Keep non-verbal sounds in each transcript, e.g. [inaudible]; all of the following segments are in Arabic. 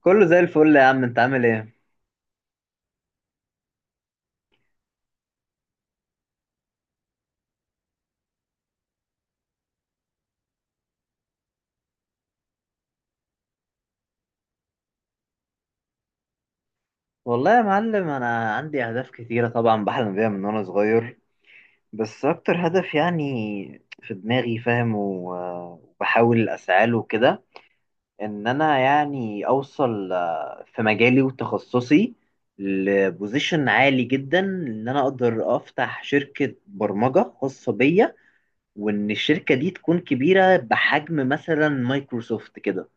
كله زي الفل يا عم، انت عامل ايه؟ والله يا معلم، انا عندي اهداف كتيره طبعا، بحلم بيها من وانا صغير. بس اكتر هدف في دماغي، فاهم؟ وبحاول اسعى له كده. ان انا اوصل في مجالي وتخصصي لبوزيشن عالي جدا، ان انا اقدر افتح شركه برمجه خاصه بيا، وان الشركه دي تكون كبيره بحجم مثلا مايكروسوفت كده.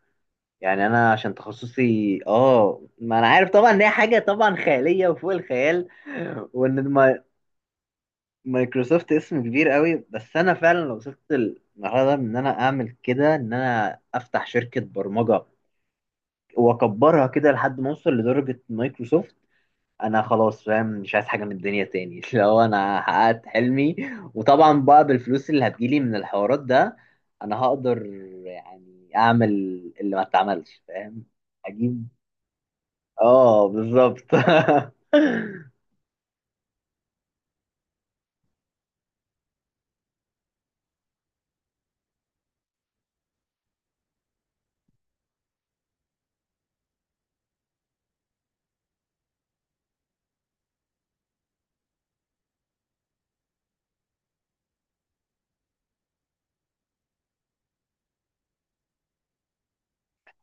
انا عشان تخصصي ما انا عارف طبعا ان هي حاجه طبعا خياليه وفوق الخيال. وان الما- مايكروسوفت اسم كبير قوي، بس انا فعلا لو وصلت المرحله ده، ان انا اعمل كده، ان انا افتح شركه برمجه واكبرها كده لحد ما اوصل لدرجه مايكروسوفت، انا خلاص فاهم، مش عايز حاجه من الدنيا تاني [laughs] لو انا حققت حلمي. وطبعا بقى بالفلوس اللي هتجيلي من الحوارات ده، انا هقدر اعمل اللي ما اتعملش، فاهم؟ اجيب. اه بالظبط [laughs]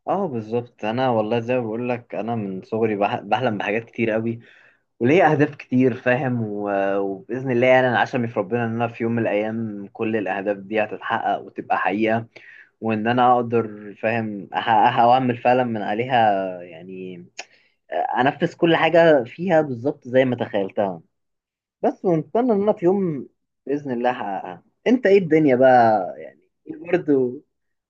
اه بالظبط، انا والله زي ما بقول لك، انا من صغري بحلم بحاجات كتير قوي، وليا اهداف كتير فاهم، وباذن الله انا عشمي في ربنا ان انا في يوم من الايام كل الاهداف دي هتتحقق وتبقى حقيقه، وان انا اقدر فاهم احققها واعمل فعلا من عليها، يعني انفذ كل حاجه فيها بالظبط زي ما تخيلتها. بس ونتمنى ان انا في يوم باذن الله هحققها. انت ايه الدنيا بقى ايه برضه؟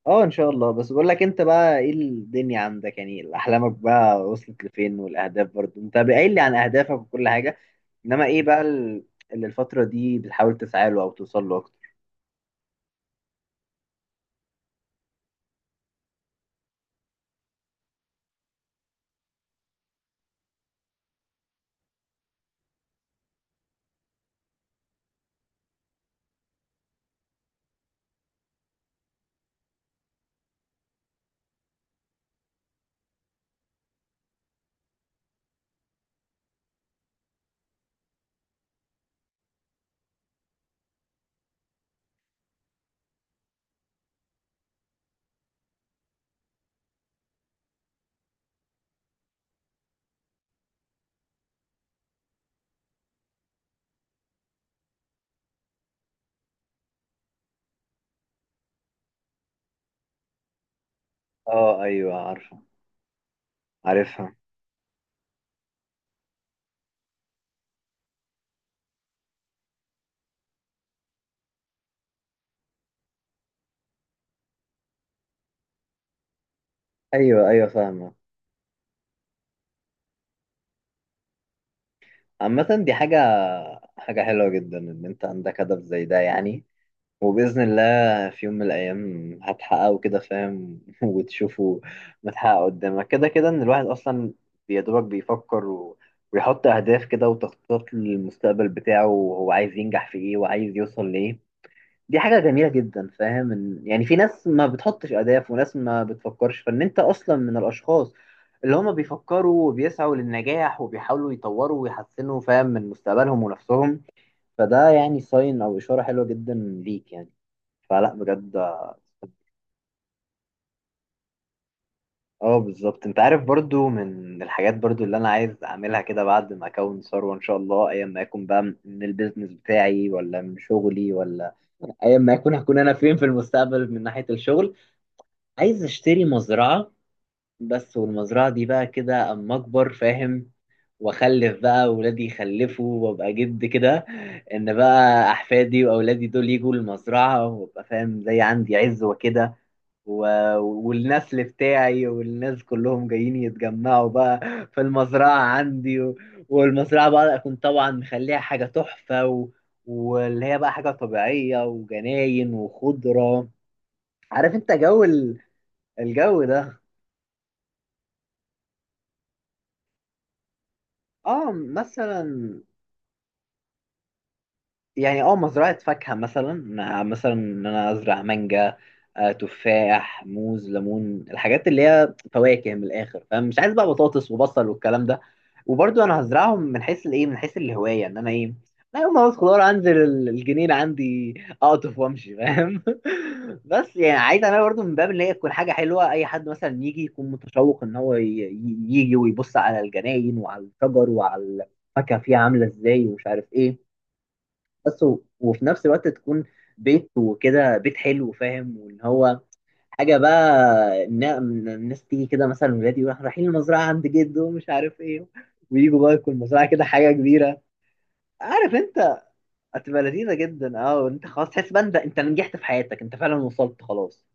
اه ان شاء الله. بس بقول لك انت بقى، ايه الدنيا عندك؟ احلامك بقى وصلت لفين؟ والاهداف برضو انت قايل لي عن اهدافك وكل حاجه، انما ايه بقى اللي الفتره دي بتحاول تسعى له او توصل له اكتر؟ اه ايوه، عارفه. عارفها. ايوه ايوه، فاهمه. عامه دي حاجه حلوه جدا ان انت عندك هدف زي ده، وبإذن الله في يوم من الأيام هتحققوا كده فاهم [laughs] وتشوفوا متحقق قدامك كده. كده إن الواحد أصلا يا دوبك بيفكر و... ويحط أهداف كده، وتخطيط للمستقبل بتاعه، وهو عايز ينجح في إيه وعايز يوصل لإيه، دي حاجة جميلة جدا فاهم. في ناس ما بتحطش أهداف، وناس ما بتفكرش، فإن أنت أصلا من الأشخاص اللي هما بيفكروا وبيسعوا للنجاح، وبيحاولوا يطوروا ويحسنوا فاهم من مستقبلهم ونفسهم، فده ساين أو إشارة حلوة جدا ليك فلا بجد. اه بالظبط. انت عارف برضو من الحاجات برضو اللي انا عايز اعملها كده بعد ما اكون ثروة ان شاء الله، ايا ما يكون بقى من البيزنس بتاعي ولا من شغلي، ولا ايا ما يكون هكون انا فين في المستقبل من ناحية الشغل، عايز اشتري مزرعة. بس والمزرعة دي بقى كده اما اكبر فاهم، واخلف بقى ولادي يخلفوا، وابقى جد كده، ان بقى احفادي واولادي دول يجوا المزرعة، وابقى فاهم زي عندي عزوة كده، و... والنسل بتاعي والناس كلهم جايين يتجمعوا بقى في المزرعة عندي. و... والمزرعة بقى أكون طبعا مخليها حاجة تحفة، و... واللي هي بقى حاجة طبيعية، وجناين وخضرة، عارف انت جو ال... الجو ده. اه مثلا، اه مزرعة فاكهة مثلا، مثلا ان انا ازرع مانجا، تفاح، موز، ليمون، الحاجات اللي هي فواكه، من الاخر فمش عايز بقى بطاطس وبصل والكلام ده. وبرضو انا هزرعهم من حيث الايه، من حيث الهواية، ان انا ايه، لا يوم ما عاوز خضار انزل الجنينة عندي اقطف وامشي، فاهم؟ [laughs] بس عايز انا برضو من باب اللي هي تكون حاجة حلوة، اي حد مثلا يجي يكون متشوق ان هو يجي ويبص على الجناين وعلى الشجر وعلى الفاكهة فيها عاملة ازاي، ومش عارف ايه. بس وفي نفس الوقت تكون بيت، وكده بيت حلو، فاهم؟ وان هو حاجه بقى إن الناس تيجي كده مثلا، ولادي يروحوا رايحين المزرعه عند جده، ومش عارف ايه، ويجوا بقى يكون المزرعه كده حاجه كبيره. عارف انت، هتبقى لذيذه جدا. اه، وانت خلاص تحس بقى انت، انت نجحت في حياتك، انت فعلا وصلت خلاص.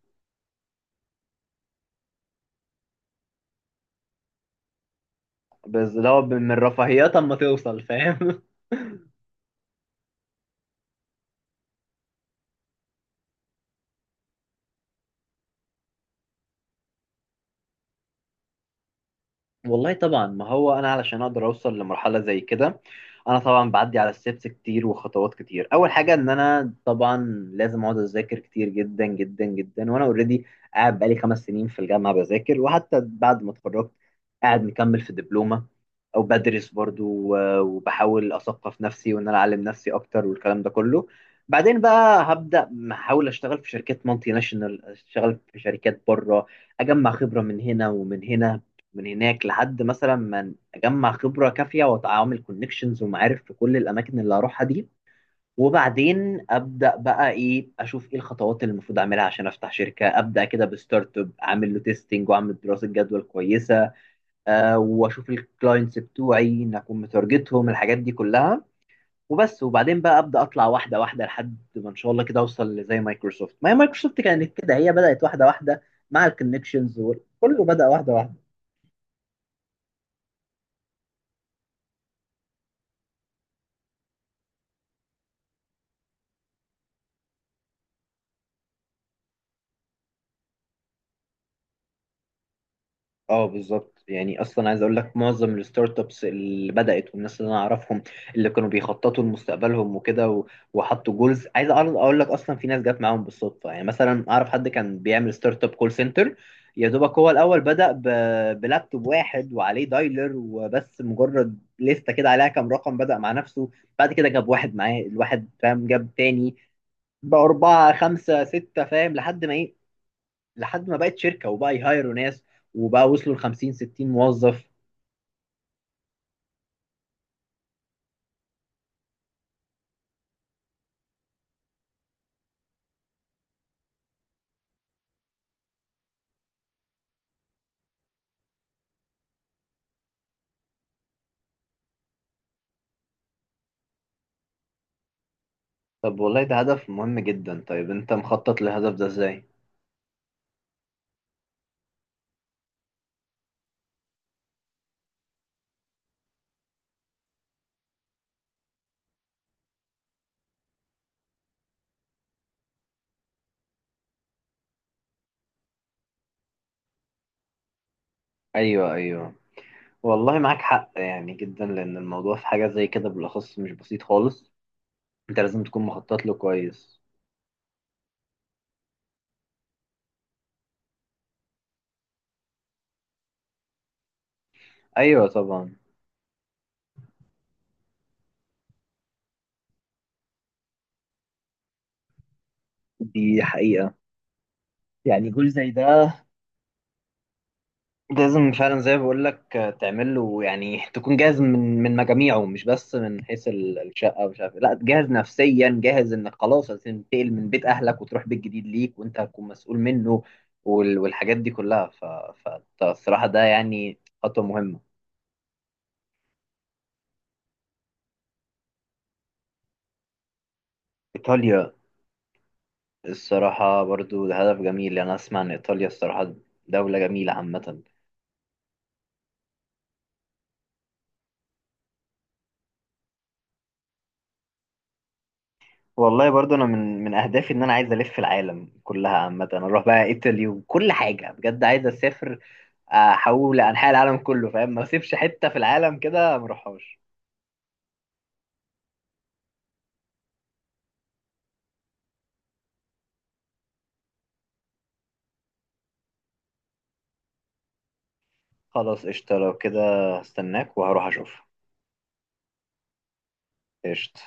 بس ده هو من رفاهيات اما توصل، فاهم؟ والله طبعا، ما هو انا علشان اقدر اوصل لمرحله زي كده، انا طبعا بعدي على ستيبس كتير وخطوات كتير. اول حاجه، ان انا طبعا لازم اقعد اذاكر كتير جدا جدا جدا، وانا اوريدي قاعد بقالي 5 سنين في الجامعه بذاكر، وحتى بعد ما اتخرجت قاعد مكمل في دبلومه او بدرس برضو، وبحاول اثقف نفسي وان انا اعلم نفسي اكتر، والكلام ده كله. بعدين بقى هبدا احاول اشتغل في شركات مالتي ناشونال، اشتغل في شركات بره، اجمع خبره من هنا ومن هنا من هناك، لحد مثلا ما اجمع خبره كافيه واتعامل كونكشنز ومعارف في كل الاماكن اللي هروحها دي. وبعدين ابدا بقى ايه، اشوف ايه الخطوات اللي المفروض اعملها عشان افتح شركه، ابدا كده بستارت اب، اعمل له تيستنج، واعمل دراسه جدوى كويسه، أه واشوف الكلاينتس بتوعي ان اكون متارجتهم، الحاجات دي كلها، وبس. وبعدين بقى ابدا اطلع واحده واحده لحد ما ان شاء الله كده اوصل لزي مايكروسوفت، ما هي مايكروسوفت كانت كده، هي بدات واحده واحده مع الكونكشنز، كله بدا واحده واحده. اه بالظبط، اصلا عايز اقول لك معظم الستارت ابس اللي بدات، والناس اللي انا اعرفهم اللي كانوا بيخططوا لمستقبلهم وكده، وحطوا جولز، عايز اعرض اقول لك، اصلا في ناس جت معاهم بالصدفه. مثلا اعرف حد كان بيعمل ستارت اب كول سنتر، يا دوبك هو الاول بدا بلابتوب واحد وعليه دايلر وبس، مجرد لسته كده عليها كام رقم، بدا مع نفسه. بعد كده جاب واحد معاه الواحد، فاهم؟ جاب تاني، بأربعة خمسة ستة، فاهم؟ لحد ما إيه، لحد ما بقت شركه، وبقى يهايروا ناس، وبقى وصلوا ل 50 60 موظف. طب والله ده هدف مهم جدا. طيب انت مخطط للهدف ده ازاي؟ ايوه ايوه. والله معاك حق جدا، لان الموضوع في حاجة زي كده بالاخص مش بسيط خالص، انت لازم تكون مخطط له كويس. ايوه طبعا. دي حقيقه، جول زي ده لازم فعلا زي ما بقول لك تعمل له، تكون جاهز من مجاميعه، مش بس من حيث الشقه ومش عارف إيه. لا، جاهز نفسيا، جاهز انك خلاص هتنتقل من بيت اهلك وتروح بيت جديد ليك وانت هتكون مسؤول منه، والحاجات دي كلها، فالصراحه ده خطوه مهمه. ايطاليا؟ الصراحه برضو ده هدف جميل، انا اسمع ان ايطاليا الصراحه دوله جميله عامه. والله برضو انا من اهدافي ان انا عايز الف العالم كلها عامه، انا اروح بقى ايطاليا وكل حاجه، بجد عايز اسافر احول لانحاء العالم كله، فاهم؟ ما اسيبش حته في العالم كده ما اروحهاش. خلاص قشطه، لو كده هستناك وهروح اشوف. قشطه.